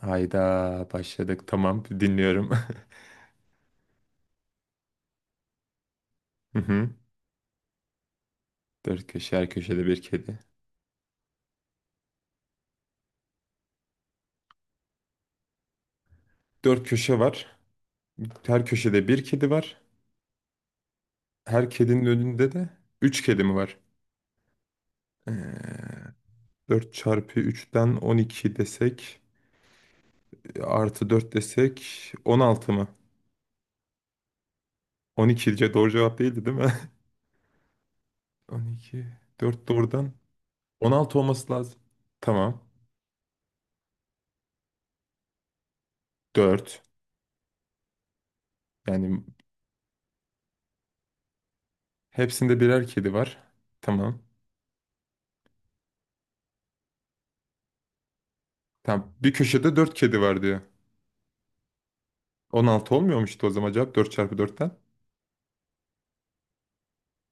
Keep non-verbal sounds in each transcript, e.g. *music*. Hayda başladık. Tamam dinliyorum. *laughs* Hı hı. Dört köşe, her köşede bir kedi. Dört köşe var. Her köşede bir kedi var. Her kedinin önünde de üç kedi mi var? Ee, 4 çarpı üçten 12 desek, artı 4 desek 16 mı? Doğru cevap değildi, değil mi? *laughs* On iki, 4 doğrudan on altı olması lazım. Tamam. Dört. Yani hepsinde birer kedi var. Tamam. Tamam. Bir köşede 4 kedi var diyor. 16 olmuyormuştu o zaman cevap, 4 çarpı dörtten?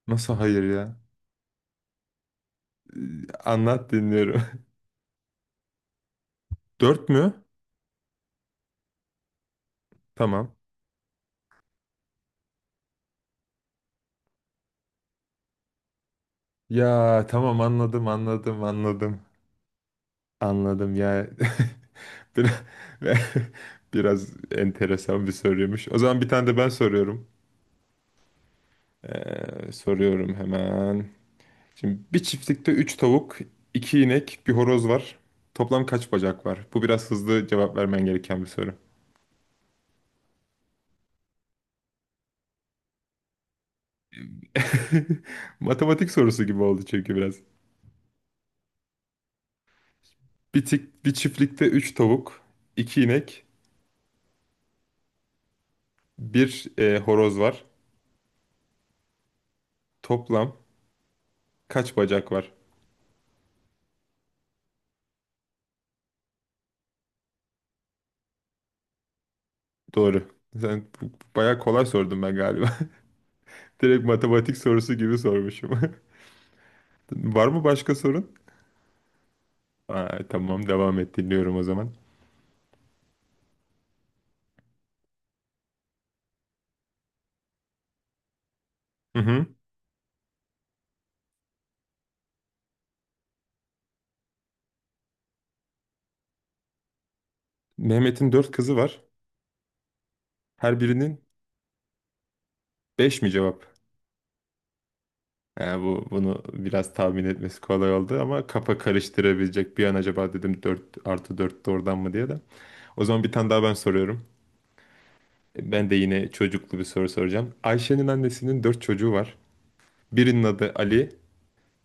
Nasıl hayır ya? Anlat, dinliyorum. *laughs* 4 mü? Tamam. Ya tamam, anladım, anladım, anladım. Anladım ya. *laughs* Biraz, *laughs* biraz enteresan bir soruymuş. O zaman bir tane de ben soruyorum. Soruyorum hemen. Şimdi bir çiftlikte 3 tavuk, 2 inek, bir horoz var. Toplam kaç bacak var? Bu biraz hızlı cevap vermen gereken bir soru. *laughs* Matematik sorusu gibi oldu çünkü biraz. Bir çiftlikte 3 tavuk, 2 inek, bir horoz var. Toplam kaç bacak var? Doğru. Sen bu- Bayağı kolay sordum ben galiba. *laughs* Direkt matematik sorusu gibi sormuşum. *laughs* Var mı başka sorun? Aa, tamam, devam et, dinliyorum o zaman. Hı hı. Mehmet'in dört kızı var. Her birinin 5 mi cevap? Ha, bu bunu biraz tahmin etmesi kolay oldu, ama kafa karıştırabilecek bir an acaba dedim, 4 artı 4 doğrudan mı diye de. O zaman bir tane daha ben soruyorum. Ben de yine çocuklu bir soru soracağım. Ayşe'nin annesinin dört çocuğu var. Birinin adı Ali,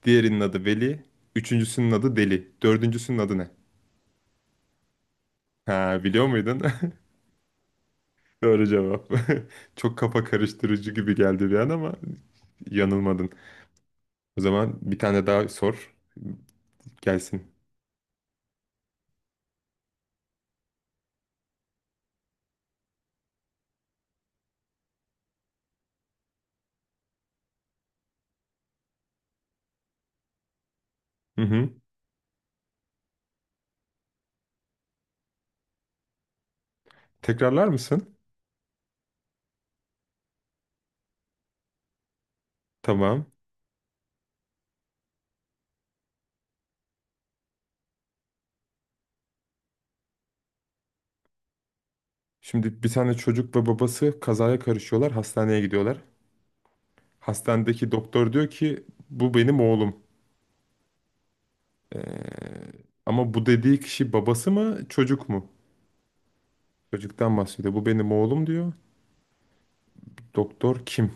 diğerinin adı Veli, üçüncüsünün adı Deli, dördüncüsünün adı ne? Ha, biliyor muydun? *laughs* Doğru cevap. *laughs* Çok kafa karıştırıcı gibi geldi bir an, ama yanılmadın. O zaman bir tane daha sor. Gelsin. Hı hı. Tekrarlar mısın? Tamam. Şimdi bir tane çocuk ve babası kazaya karışıyorlar, hastaneye gidiyorlar. Hastanedeki doktor diyor ki bu benim oğlum. E, Ama bu dediği kişi babası mı, çocuk mu? Çocuktan bahsediyor. Bu benim oğlum diyor. Doktor kim?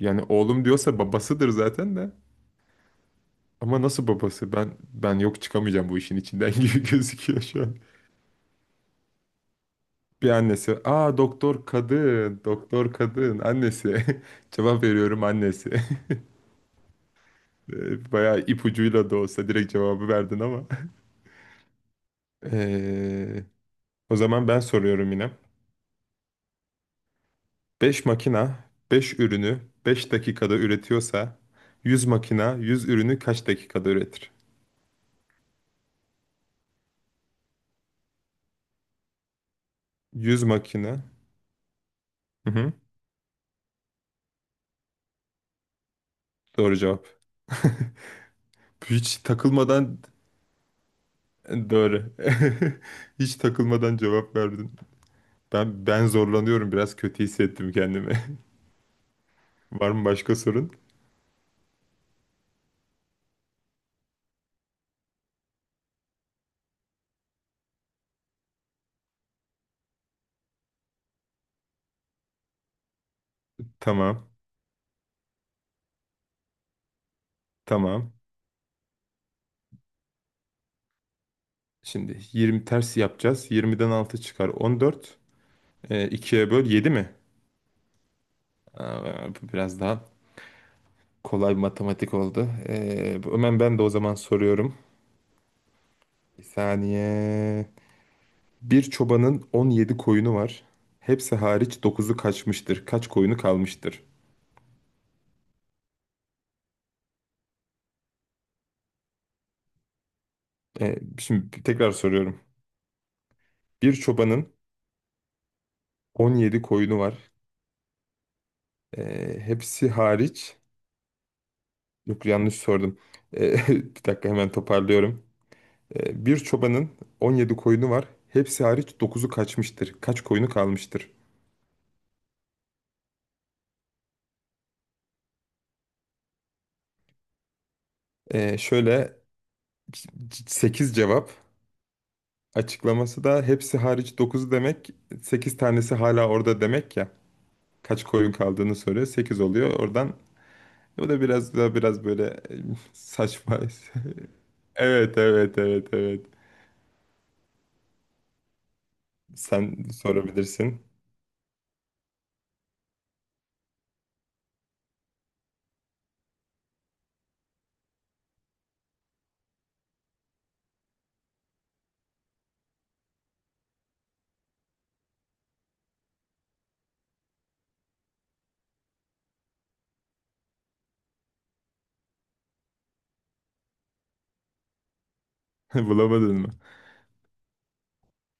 Yani oğlum diyorsa babasıdır zaten de. Ama nasıl babası? Ben yok, çıkamayacağım bu işin içinden *laughs* gibi gözüküyor şu an. Bir annesi. Aa, doktor kadın, doktor kadın annesi. *laughs* Cevap veriyorum, annesi. *laughs* Bayağı ipucuyla da olsa direkt cevabı verdin ama. *laughs* Ee, O zaman ben soruyorum yine. 5 makina 5 ürünü 5 dakikada üretiyorsa 100 makina 100 ürünü kaç dakikada üretir? 100 makina. Hı hı. Doğru cevap. *laughs* Hiç takılmadan doğru. *laughs* Hiç takılmadan cevap verdin. Ben zorlanıyorum biraz, kötü hissettim kendimi. *laughs* Var mı başka sorun? Tamam. Tamam. Şimdi 20 ters yapacağız. 20'den 6 çıkar 14. 2'ye böl 7 mi? Aa, bu biraz daha kolay bir matematik oldu. Hemen ben de o zaman soruyorum. Bir saniye. Bir çobanın 17 koyunu var. Hepsi hariç dokuzu kaçmıştır. Kaç koyunu kalmıştır? Şimdi tekrar soruyorum. Bir çobanın 17 koyunu var. Hepsi hariç... Yok, yanlış sordum. *laughs* Bir dakika, hemen toparlıyorum. Bir çobanın 17 koyunu var. Hepsi hariç dokuzu kaçmıştır. Kaç koyunu kalmıştır? Şöyle, 8 cevap. Açıklaması da hepsi hariç 9 demek, 8 tanesi hala orada demek ya. Kaç koyun kaldığını soruyor, sekiz oluyor. Oradan bu da biraz böyle saçma. *laughs* Evet, evet, evet, evet. Sen sorabilirsin. *laughs* Bulamadın mı?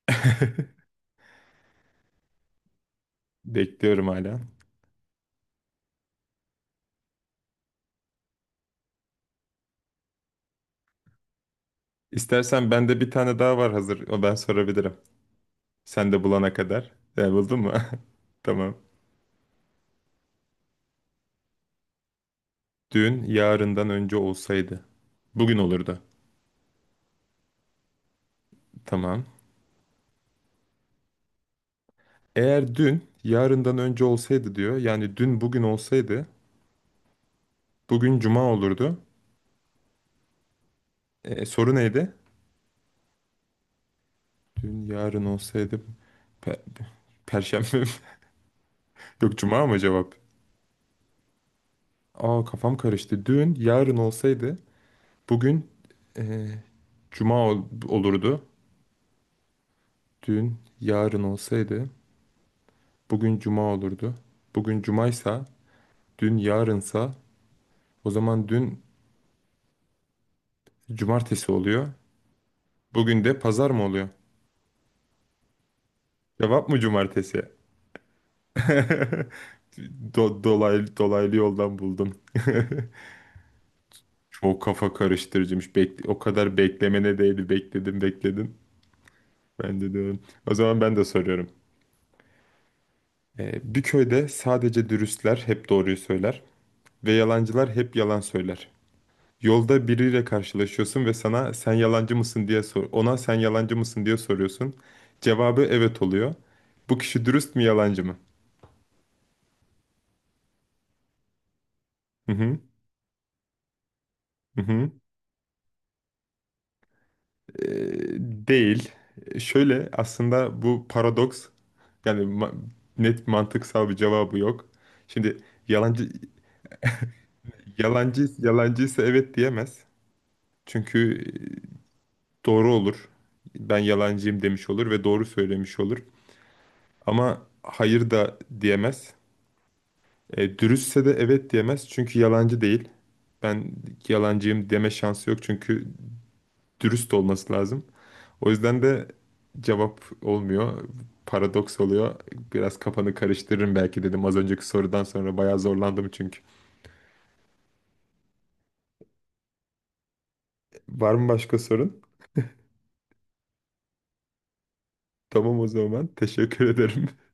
*laughs* Bekliyorum hala. İstersen bende bir tane daha var hazır. O ben sorabilirim. Sen de bulana kadar. E, buldun mu? *laughs* Tamam. Dün yarından önce olsaydı. Bugün olurdu. Tamam. Eğer dün yarından önce olsaydı diyor. Yani dün bugün olsaydı. Bugün cuma olurdu. E, soru neydi? Dün yarın olsaydı. pe- Perşembe mi? *laughs* Yok, cuma mı cevap? Aa, kafam karıştı. Dün yarın olsaydı. Bugün e, cuma olurdu. Dün yarın olsaydı. Bugün cuma olurdu. Bugün cumaysa. Dün yarınsa. O zaman dün cumartesi oluyor. Bugün de pazar mı oluyor? Cevap mı cumartesi? *laughs* Dolaylı, dolaylı yoldan buldum. *laughs* Çok kafa karıştırıcıymış. Bekle, o kadar beklemene değdi. Bekledim, bekledim. Ben de diyorum. O zaman ben de soruyorum. Bir köyde sadece dürüstler hep doğruyu söyler ve yalancılar hep yalan söyler. Yolda biriyle karşılaşıyorsun ve sana sen yalancı mısın diye sor. Ona sen yalancı mısın diye soruyorsun. Cevabı evet oluyor. Bu kişi dürüst mü, yalancı mı? Hı hı. Hı hı. Ee, değil. Şöyle, aslında bu paradoks. Yani ma- Net mantıksal bir cevabı yok. Şimdi yalancı yalancı yalancıysa evet diyemez. Çünkü e, doğru olur. Ben yalancıyım demiş olur ve doğru söylemiş olur. Ama hayır da diyemez. E, dürüstse de evet diyemez çünkü yalancı değil. Ben yalancıyım deme şansı yok çünkü dürüst olması lazım. O yüzden de cevap olmuyor. Paradoks oluyor. Biraz kafanı karıştırırım belki dedim, az önceki sorudan sonra bayağı zorlandım çünkü. Var mı başka sorun? Tamam o zaman. Teşekkür ederim. *laughs*